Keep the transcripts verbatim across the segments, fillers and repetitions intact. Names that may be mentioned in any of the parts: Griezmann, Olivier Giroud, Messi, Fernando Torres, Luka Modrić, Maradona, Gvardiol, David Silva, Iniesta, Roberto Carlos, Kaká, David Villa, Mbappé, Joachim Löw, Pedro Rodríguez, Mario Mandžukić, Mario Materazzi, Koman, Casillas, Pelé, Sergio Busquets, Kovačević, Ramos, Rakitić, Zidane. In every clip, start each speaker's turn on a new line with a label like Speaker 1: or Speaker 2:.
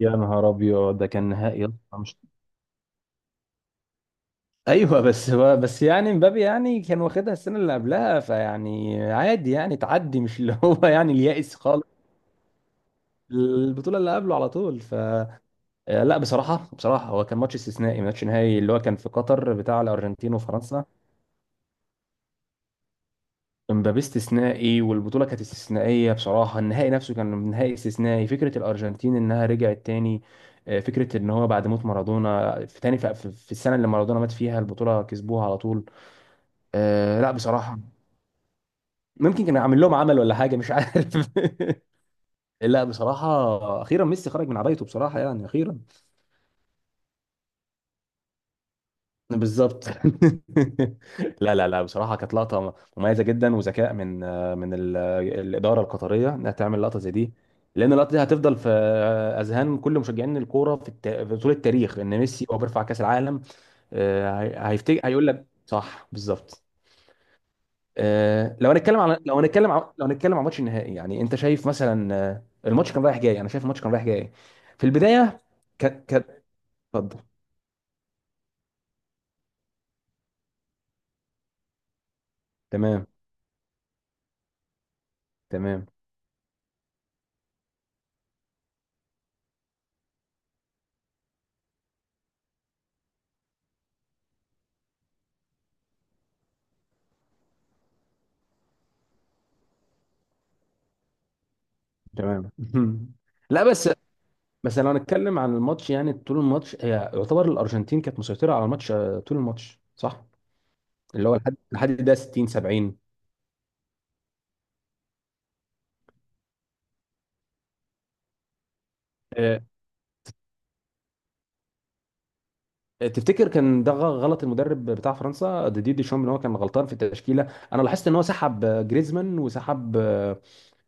Speaker 1: يا نهار ابيض، ده كان نهائي يلا مش. ايوه بس هو بس يعني مبابي يعني كان واخدها السنه اللي قبلها، فيعني عادي يعني تعدي، مش اللي هو يعني اليائس خالص. البطوله اللي قبله على طول ف آه، لا، بصراحه بصراحه هو كان ماتش استثنائي، ماتش نهائي اللي هو كان في قطر بتاع الارجنتين وفرنسا. مبابي استثنائي والبطوله كانت استثنائيه بصراحه، النهائي نفسه كان نهائي استثنائي. فكره الارجنتين انها رجعت تاني. آه، فكره ان هو بعد موت مارادونا في تاني في في السنه اللي مارادونا مات فيها البطوله كسبوها على طول. آه، لا بصراحة. ممكن كان عامل لهم عمل ولا حاجة، مش عارف. لا بصراحة، أخيرا ميسي خرج من عبايته بصراحة، يعني أخيرا. بالظبط. لا لا لا، بصراحة كانت لقطة مميزة جدا، وذكاء من آه، من ال- آه، الإدارة القطرية إنها تعمل لقطة زي دي. لأن اللقطة دي هتفضل في آه، أذهان كل مشجعين الكورة في, الت... في طول التاريخ، إن ميسي هو بيرفع كأس العالم. آه، هي- هيفتكر، هيقول لك صح بالظبط. آه، لو هنتكلم عن لو هنتكلم عن لو هنتكلم عن ماتش النهائي، يعني انت شايف مثلا آه، الماتش كان رايح جاي، انا شايف الماتش كان رايح جاي. في البدايه ك ك اتفضل. تمام. تمام. تمام. لا بس، بس لو هنتكلم عن الماتش، يعني طول الماتش هي يعتبر الارجنتين كانت مسيطره على الماتش آه، طول الماتش، صح. اللي هو لحد لحد ده ستين سبعين. تفتكر كان ده غ- غلط المدرب بتاع فرنسا ديدي دي شوم ان هو كان غلطان في التشكيله؟ انا لاحظت ان هو سحب آه، جريزمان، وسحب آه،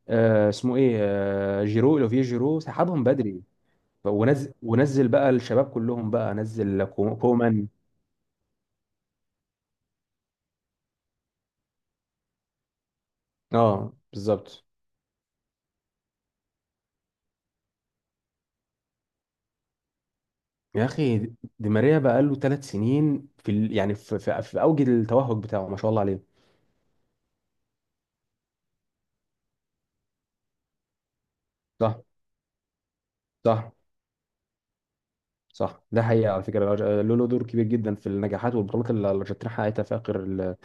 Speaker 1: آه، اسمه ايه آه، جيرو، اوليفيه جيرو، سحبهم بدري. ونزل ونزل بقى الشباب كلهم، بقى نزل كو- كومان. اه بالظبط. يا اخي دي ماريا بقى له ثلاث سنين في ال... يعني في... في... في اوج التوهج بتاعه، ما شاء الله عليه. صح. صح. صح، ده حقيقه على فكره. الأرج- له له دور كبير جدا في النجاحات والبطولات اللي الارجنتين حققتها في اخر ال-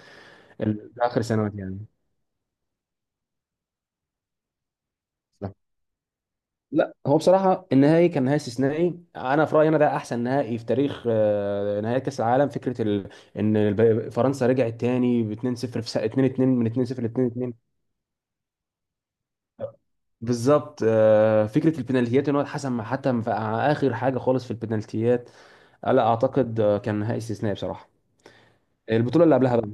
Speaker 1: ده اخر سنوات يعني. صح. لا هو بصراحه النهائي كان نهائي استثنائي، انا في رايي انا ده احسن نهائي في تاريخ آه، نهائي كاس العالم. فكره ال... ان الب- فرنسا رجعت تاني ب اثنين صفر في سنة اثنين اثنين، من اتنين صفر ل اتنين اتنين. بالظبط، آه، فكره البنالتيات ان هو اتحسم مع- حتى في اخر حاجه خالص في البنالتيات. آه، لا اعتقد آه، كان نهائي استثنائي بصراحه. البطوله اللي قبلها بقى.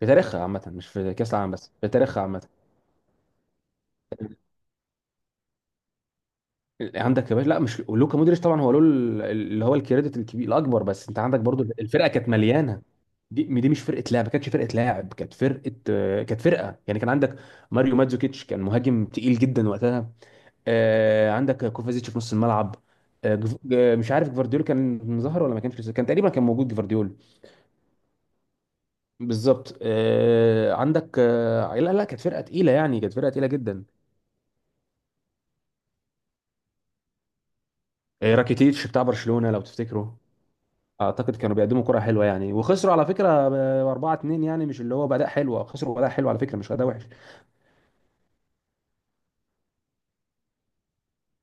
Speaker 1: في تاريخها عامه، مش في كاس العالم بس، في تاريخها عامه. عندك يا باشا، لا مش لوكا مودريتش طبعا هو له ال- اللي هو الكريدت الكبير الاكبر، بس انت عندك برضو الفرقه كانت مليانه. دي دي مش فرقه لاعب ما كانتش فرقه لاعب كانت فرقه آه، كانت فرقه يعني كان عندك ماريو ماتزوكيتش، كان مهاجم تقيل جدا وقتها. آه، عندك كوفازيتش في نص الملعب. آه، جف- آه، مش عارف جفارديول كان ظهر ولا ما كانش لسه، كان تقريبا كان موجود جفارديول. بالظبط آه، عندك آه، لا لا، كانت فرقه تقيله يعني، كانت فرقه تقيله جدا. آه، راكيتيتش بتاع برشلونه لو تفتكره. اعتقد كانوا بيقدموا كرة حلوة يعني، وخسروا على فكرة ب اربعة اتنين، يعني مش اللي هو بأداء حلو، خسروا بأداء حلو على فكرة، مش أداء وحش.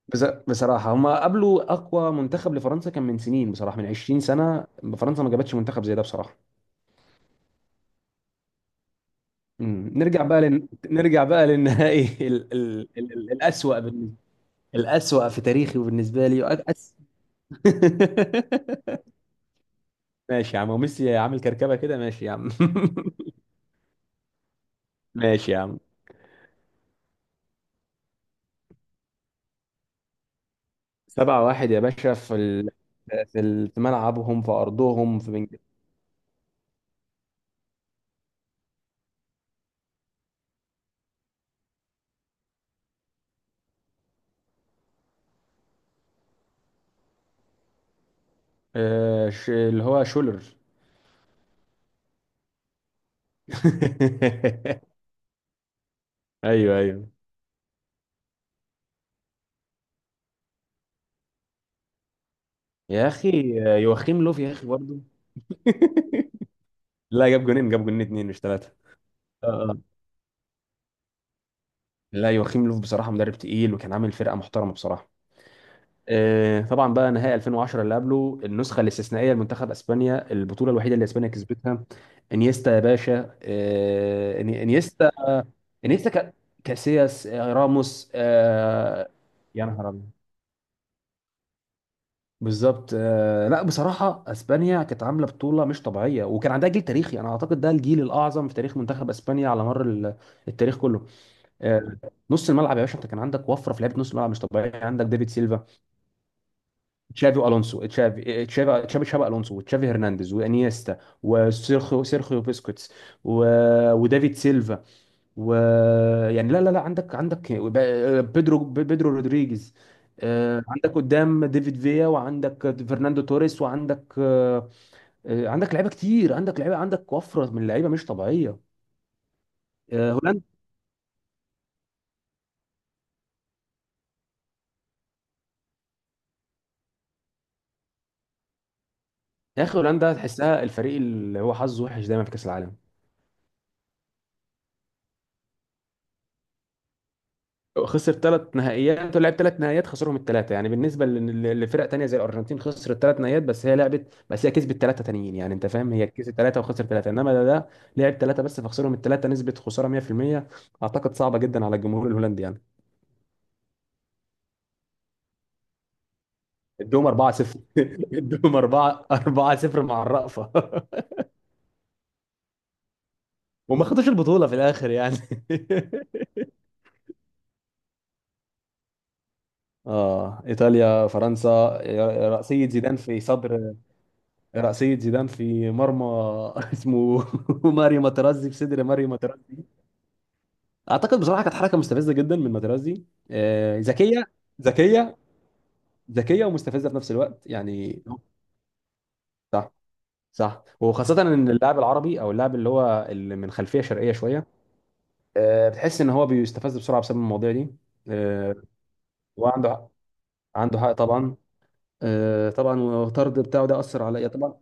Speaker 1: بس بصراحة هم قابلوا أقوى منتخب لفرنسا كان من سنين بصراحة، من عشرين سنة. فرنسا ما جابتش منتخب زي ده بصراحة. مم. نرجع بقى لن... نرجع بقى للنهائي. ال... ال... ال... ال... الأسوأ بالنسبة. الأسوأ في تاريخي وبالنسبة لي وأ- أس... ماشي يا عم، وميسي عامل كركبة كده، ماشي يا عم. ماشي يا عم. سبعة واحد يا باشا في ال... في ال- في ملعبهم، في أرضهم، في بنج... آه ش... اللي هو شولر. ايوه، ايوه. يا اخي، آه، يوخيم لوف يا اخي برضه. لا، جاب جونين، جاب جونين اتنين مش ثلاثة. اه آه. لا، يوخيم لوف بصراحة مدرب تقيل وكان عامل فرقة محترمة بصراحة. آه، طبعا بقى نهائي الفين وعشرة اللي قبله، النسخه الاستثنائيه لمنتخب اسبانيا، البطوله الوحيده اللي اسبانيا كسبتها. انيستا يا باشا، آه، إني- انيستا. انيستا كا- كاسياس آه، راموس آه، يا نهار ابيض. بالظبط، آه، لا بصراحه اسبانيا كانت عامله بطوله مش طبيعيه، وكان عندها جيل تاريخي، انا اعتقد ده الجيل الاعظم في تاريخ منتخب اسبانيا على مر ال- التاريخ كله. آه، نص الملعب يا باشا انت كان عندك وفره في لعيبه نص الملعب مش طبيعيه. عندك ديفيد سيلفا، تشافي الونسو، تشافي تشافي تشافي تشافي الونسو وتشافي هرنانديز، وانيستا، وسيرخيو، سيرخيو بيسكوتس، و... ودافيد سيلفا، و يعني لا لا لا عندك عندك ب- بيدرو، بيدرو رودريجيز. آه، عندك قدام ديفيد فيا، وعندك فرناندو توريس، وعندك آه، آه، عندك لعيبه كتير، عندك لعيبه، عندك وفره من اللعيبه مش طبيعيه. آه، هولندا. يا اخي هولندا تحسها الفريق اللي هو حظه وحش دايما في كاس العالم. خسر ثلاث نهائيات ولعب ثلاث نهائيات خسرهم الثلاثه، يعني بالنسبه لل- لفرق تانية زي الارجنتين، خسرت ثلاث نهائيات بس هي لعبت، بس هي كسبت ثلاثه تانيين، يعني انت فاهم، هي كسبت ثلاثه وخسر ثلاثه، انما ده, ده لعب ثلاثه بس فخسرهم الثلاثه، نسبه خساره مية في المية. اعتقد صعبه جدا على الجمهور الهولندي يعني. ادوهم أربعة صفر. ادوهم اربعة اربعة صفر مع الرأفه. وما خدوش البطولة في الآخر يعني. اه، ايطاليا فرنسا. رأسية زيدان في صدر رأسية زيدان في مرمى. اسمه ماريو ماترازي، في صدر ماريو ماترازي. اعتقد بصراحه كانت حركه مستفزه جدا من ماترازي. آه، ذكيه. ذكيه ذكيه ومستفزه في نفس الوقت يعني. صح. صح، وخاصه ان اللاعب العربي او اللاعب اللي هو اللي من خلفيه شرقيه شويه، آه، بتحس ان هو بيستفز بسرعه بسبب المواضيع دي. آه، وعنده حق- عنده حق طبعا. آه، طبعا والطرد بتاعه ده اثر عليا طبعا.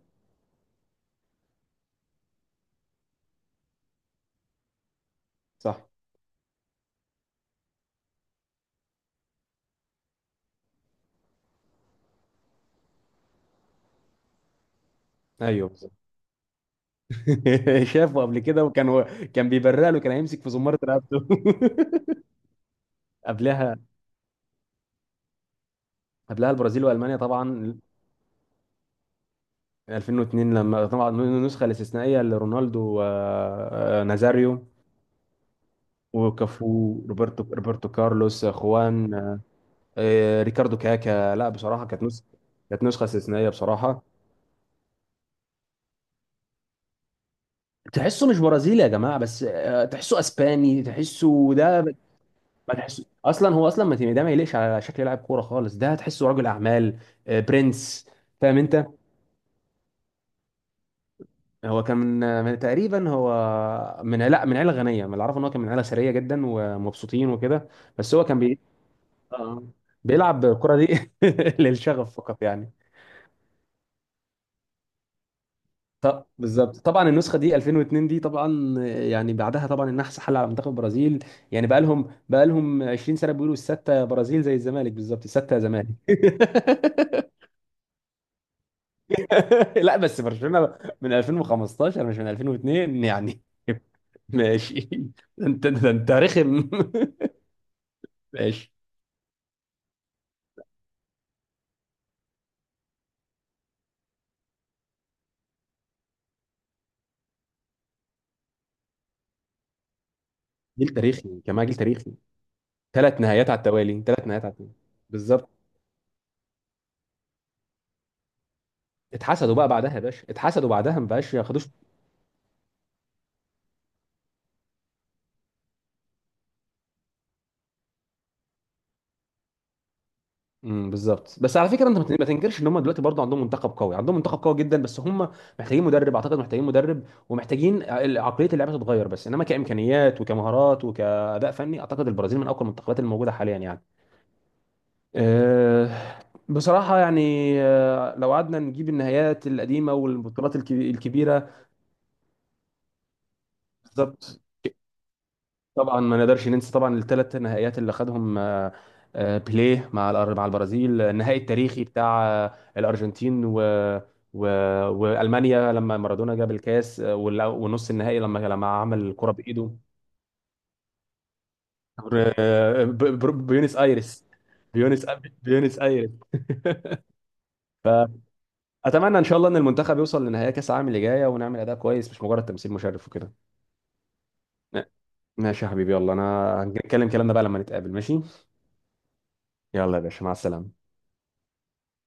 Speaker 1: صح. ايوه. شافه قبل كده، وكان هو كان بيبرق له، كان هيمسك في زمارة رقبته. قبلها، قبلها البرازيل والمانيا طبعا. الفين واتنين لما طبعا النسخه الاستثنائيه لرونالدو، آه، آه، نازاريو. وكافو، روبرتو روبرتو كارلوس، آه، خوان، آه، ريكاردو كاكا. لا بصراحه كانت نسخه، كانت نسخه استثنائيه بصراحه. تحسه مش برازيلي يا جماعه، بس آه، تحسه اسباني، تحسه ده. ما تحس اصلا هو اصلا ما ده ما يليقش على شكل لاعب كوره خالص، ده تحسه رجل اعمال، آه، برنس. فاهم انت، هو كان من آه، من- تقريبا هو من، لا من عيله غنيه، من اللي اعرفه ان هو كان من عيله ثريه جدا ومبسوطين وكده. بس هو كان بي... آه. بيلعب الكره دي للشغف فقط يعني. طب بالظبط، طبعا النسخه دي الفين واتنين دي طبعا. يعني بعدها طبعا النحس حل على منتخب البرازيل. يعني بقى لهم بقى لهم عشرين سنه بيقولوا، السته برازيل زي الزمالك بالظبط، السته يا زمالك. لا بس برشلونة من الفين وخمستاشر، مش من الفين واتنين يعني. ماشي. ده انت ده انت رخم. ماشي. جيل تاريخي جماعة، جيل تاريخي. ثلاث نهايات على التوالي ثلاث نهايات على التوالي. بالظبط. اتحسدوا بقى بعدها يا باشا، اتحسدوا بعدها، ما بقاش ياخدوش. امم بالظبط، بس على فكره انت ما تن- ما تنكرش ان هم دلوقتي برضه عندهم منتخب قوي، عندهم منتخب قوي جدا، بس هم محتاجين مدرب، اعتقد محتاجين مدرب، ومحتاجين ع- عقليه اللعبه تتغير، بس انما كامكانيات وكمهارات وكاداء فني اعتقد البرازيل من اقوى المنتخبات الموجوده حاليا يعني. آه، بصراحة يعني. آه، لو قعدنا نجيب النهايات القديمة والبطولات الك- الكبيرة. بالظبط. طبعا ما نقدرش ننسى طبعا الثلاث نهائيات اللي خدهم آه، آه، بيليه مع الأر- مع البرازيل، النهائي التاريخي بتاع آه، الأرجنتين و و وألمانيا لما مارادونا جاب الكاس، آه، والل- والنص النهائي لما لما عمل الكرة بإيده. آه، ب- ب- بيونس آيرس. بيونس بيونس آيرس. اتمنى ان شاء الله ان المنتخب يوصل لنهائي كاس العالم اللي جايه، ونعمل اداء كويس، مش مجرد تمثيل مشرف وكده. ماشي يا حبيبي، يلا انا هنتكلم كلامنا بقى لما نتقابل، ماشي. يلا يا باشا، مع السلامه.